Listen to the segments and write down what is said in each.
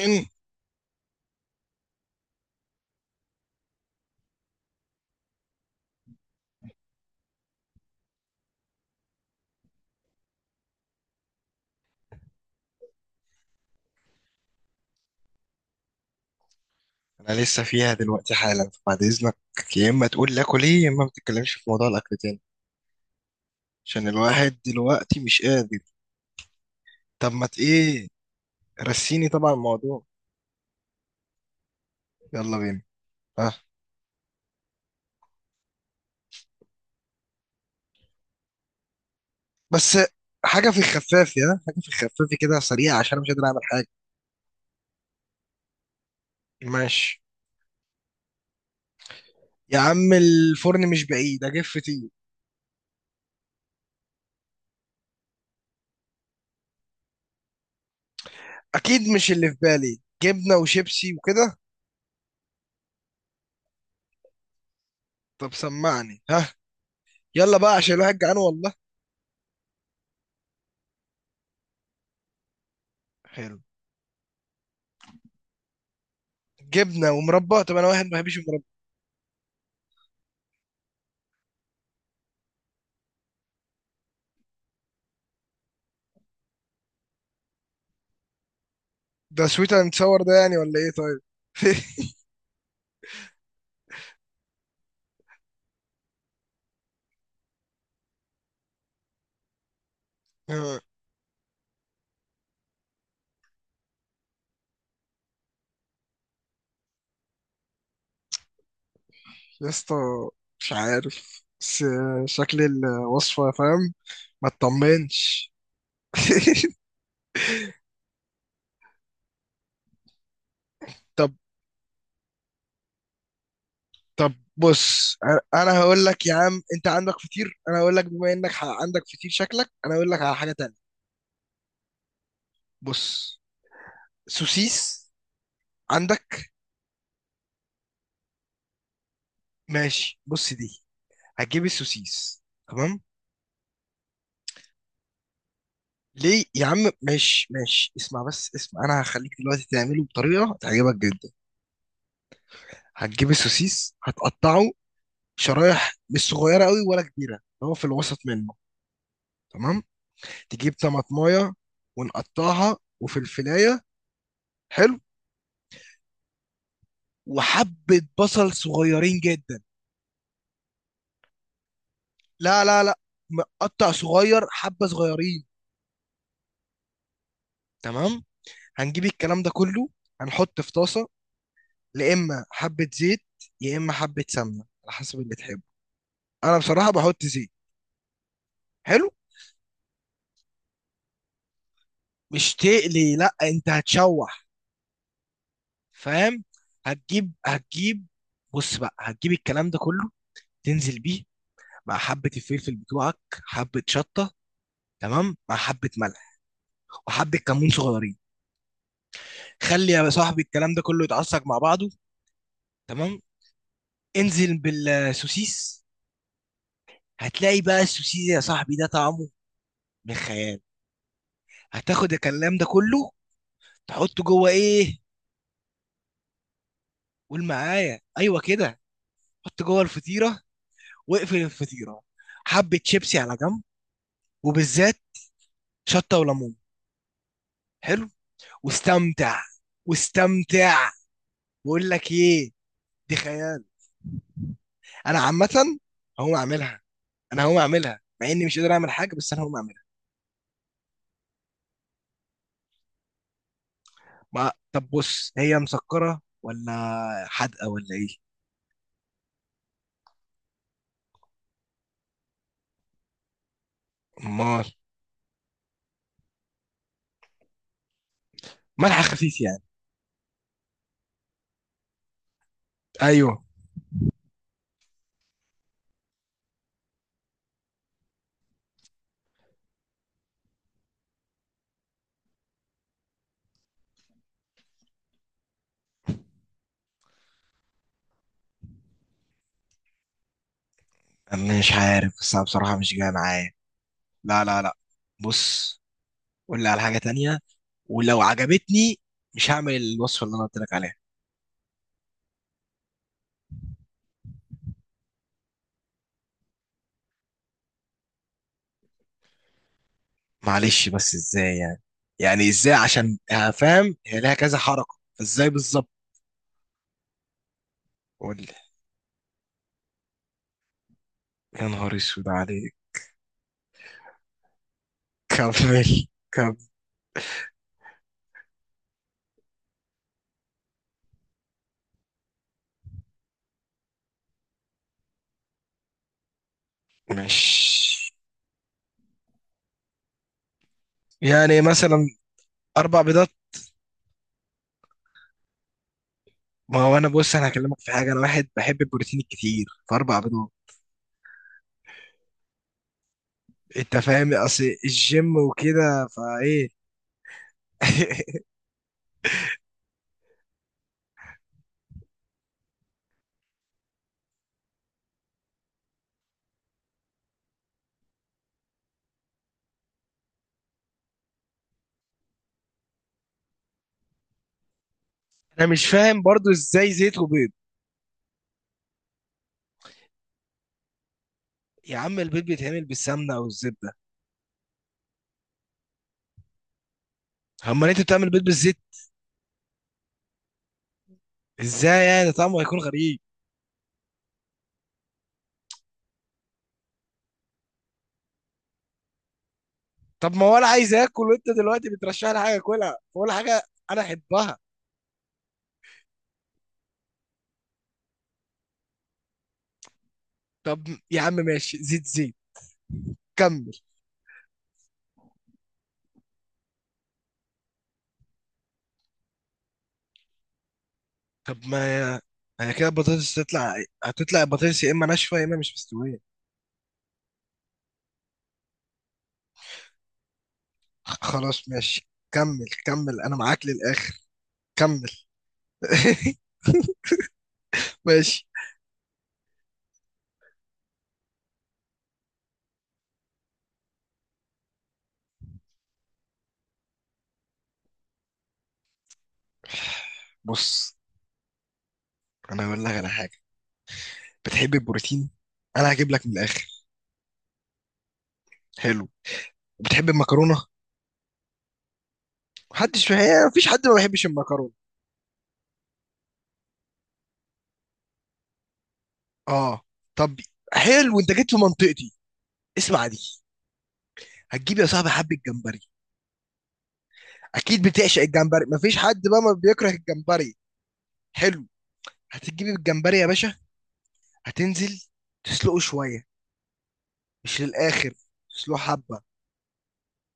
إن انا لسه فيها دلوقتي حالا، فبعد اذنك يا اما تقول لاكل ايه يا اما ما تتكلمش في موضوع الاكل تاني. عشان الواحد دلوقتي مش قادر. طب ما ت- ايه رسيني طبعا الموضوع. يلا بينا. اه بس حاجه في الخفاف، يا حاجه في الخفاف كده سريعه، عشان انا مش قادر اعمل حاجه. ماشي. يا عم الفرن مش بعيد، اجيب فطير. اكيد مش اللي في بالي جبنه وشيبسي وكده. طب سمعني ها. يلا بقى عشان الواحد جعان والله. حلو. جبنه ومربى؟ طب انا واحد ما بحبش المربى. ده سويت اند ساور ده يعني ولا ايه؟ طيب. آه، يا اسطى. مش عارف، بس شكل الوصفة فاهم. ما تطمنش. طب طب بص، انا هقول لك يا عم. انت عندك فطير، انا هقول لك. بما انك عندك فطير شكلك، انا هقول لك على حاجة تانية. بص، سوسيس عندك؟ ماشي. بص دي، هتجيب السوسيس. تمام. ليه يا عم؟ ماشي ماشي، اسمع بس اسمع، انا هخليك دلوقتي تعمله بطريقة تعجبك جدا. هتجيب السوسيس، هتقطعه شرايح، مش صغيره قوي ولا كبيره، اللي هو في الوسط منه. تمام. تجيب طماطمايه ونقطعها، وفلفلايه. حلو. وحبه بصل صغيرين جدا. لا لا لا، مقطع صغير، حبه صغيرين. تمام. هنجيب الكلام ده كله، هنحط في طاسه، لا اما حبه زيت يا اما حبه سمنه، على حسب اللي تحبه. انا بصراحه بحط زيت. حلو. مش تقلي، لا، انت هتشوح. فاهم؟ هتجيب بص بقى، هتجيب الكلام ده كله، تنزل بيه مع حبة الفلفل بتوعك، حبة شطة، تمام، مع حبة ملح وحبة كمون صغيرين. خلي يا صاحبي الكلام ده كله يتعصج مع بعضه. تمام. انزل بالسوسيس. هتلاقي بقى السوسيس يا صاحبي ده طعمه من خيال. هتاخد الكلام ده كله، تحطه جوه ايه؟ قول معايا، ايوه كده. حط جوه الفطيرة واقفل الفطيرة. حبة شيبسي على جنب، وبالذات شطة وليمون. حلو. واستمتع، واستمتع. بقول لك ايه، دي خيال. انا عامه هقوم اعملها، انا هقوم اعملها مع اني مش قادر اعمل حاجه، بس انا هقوم اعملها. ما طب بص، هي مسكره ولا حادقه ولا ايه؟ امال. ملح خفيف يعني. ايوه. أنا مش عارف، بس انا بصراحه مش جايه معايا. لا لا لا، بص. قول لي على حاجه تانية، ولو عجبتني مش هعمل الوصفه اللي انا قلت لك عليها. معلش، بس ازاي يعني؟ يعني ازاي؟ عشان فاهم هي لها كذا حركه، فازاي بالظبط؟ قول لي. يا نهار اسود عليك. كمل كمل. ماشي. يعني مثلا اربع بيضات. ما هو انا بص، انا هكلمك في حاجه، انا واحد بحب البروتين الكتير، فاربع بيضات. انت فاهم اصل الجيم وكده فايه. انا مش فاهم برضو، ازاي زيت وبيض؟ يا عم البيض بيتعمل بالسمنه او الزبده، اما انت بتعمل بيض بالزيت؟ ازاي يعني؟ طعمه هيكون غريب. طب ما هو انا عايز اكل، وانت دلوقتي بترشح لي حاجه اكلها ولا حاجه انا احبها؟ طب يا عم ماشي، زيت زيت. كمل. طب ما هي كده البطاطس تطلع. هتطلع البطاطس يا اما ناشفه يا اما مش مستويه. خلاص ماشي، كمل كمل، انا معاك للاخر. كمل. ماشي. بص، انا هقول لك على حاجه. بتحب البروتين، انا هجيب لك من الاخر. حلو. بتحب المكرونه؟ محدش، هي مفيش حد ما بيحبش المكرونه. اه. طب. حلو، انت جيت في منطقتي. اسمع دي. هتجيب يا صاحبي حبه جمبري. اكيد بتعشق الجمبري، مفيش حد بقى ما بيكره الجمبري. حلو. هتجيب الجمبري يا باشا، هتنزل تسلقه شوية، مش للآخر، تسلقه حبة.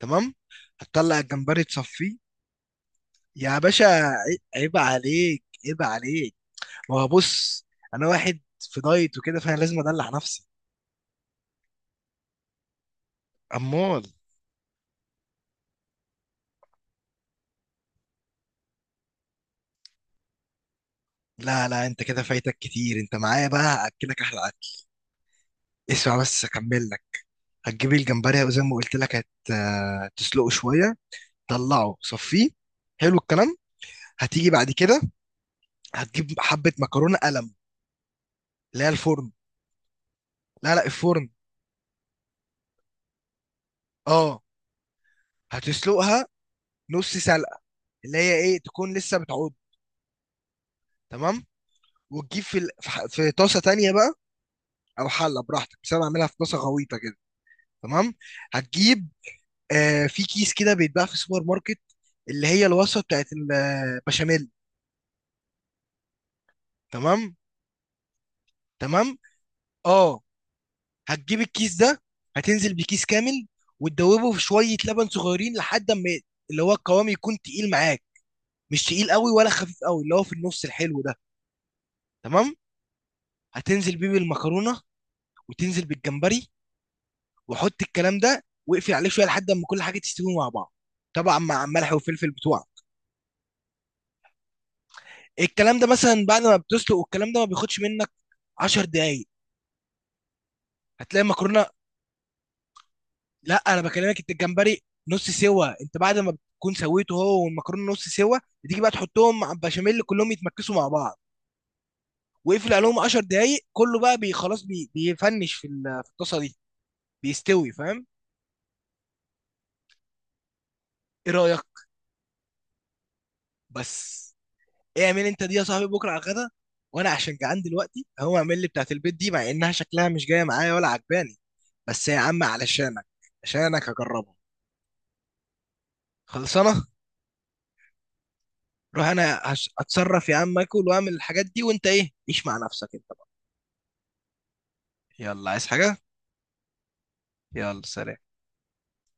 تمام. هتطلع الجمبري تصفيه. يا باشا عيب عليك، عيب عليك. ما هو بص، أنا واحد في دايت وكده، فأنا لازم أدلع نفسي. أمال. لا لا، أنت كده فايتك كتير، أنت معايا بقى هأكلك أحلى أكل. اسمع بس أكمل لك. هتجيب الجمبري، وزي ما قلت لك، هت آه، تسلقه شوية. طلعه، صفيه. حلو الكلام. هتيجي بعد كده، هتجيب حبة مكرونة قلم، اللي هي الفرن. لا لا، الفرن. اه. هتسلقها نص سلقه، اللي هي ايه، تكون لسه بتعود. تمام. وتجيب في في طاسه تانية بقى، او حله براحتك، بس انا بعملها في طاسه غويطه كده. تمام. هتجيب في كيس كده بيتباع في السوبر ماركت، اللي هي الوصفه بتاعت البشاميل. تمام تمام. اه. هتجيب الكيس ده، هتنزل بكيس كامل، وتدوبه في شويه لبن صغيرين، لحد ما اللي هو القوام يكون تقيل معاك، مش تقيل قوي ولا خفيف قوي، اللي هو في النص الحلو ده. تمام. هتنزل بيه بالمكرونه، وتنزل بالجمبري، وحط الكلام ده واقفل عليه شويه، لحد اما كل حاجه تستوي مع بعض، طبعا مع ملح وفلفل بتوعك. الكلام ده مثلا بعد ما بتسلق، والكلام ده ما بياخدش منك 10 دقايق، هتلاقي المكرونه. لا، انا بكلمك انت الجمبري نص سوا، انت بعد ما بتكون سويته هو والمكرونه نص سوا، بتيجي بقى تحطهم مع البشاميل، كلهم يتمكسوا مع بعض، واقفل عليهم 10 دقايق، كله بقى بي بيفنش في في الطاسه دي، بيستوي. فاهم؟ ايه رايك؟ بس اعمل انت دي يا صاحبي بكره على الغدا، وانا عشان جعان دلوقتي هو، اعمل لي بتاعت البيت دي مع انها شكلها مش جايه معايا ولا عجباني، بس يا عم علشانك. عشانك هجربها. خلصانه. روح، انا اتصرف. يا عم اكل واعمل الحاجات دي، وانت ايه عيش مع نفسك انت بقى. يلا عايز حاجه؟ يلا سلام.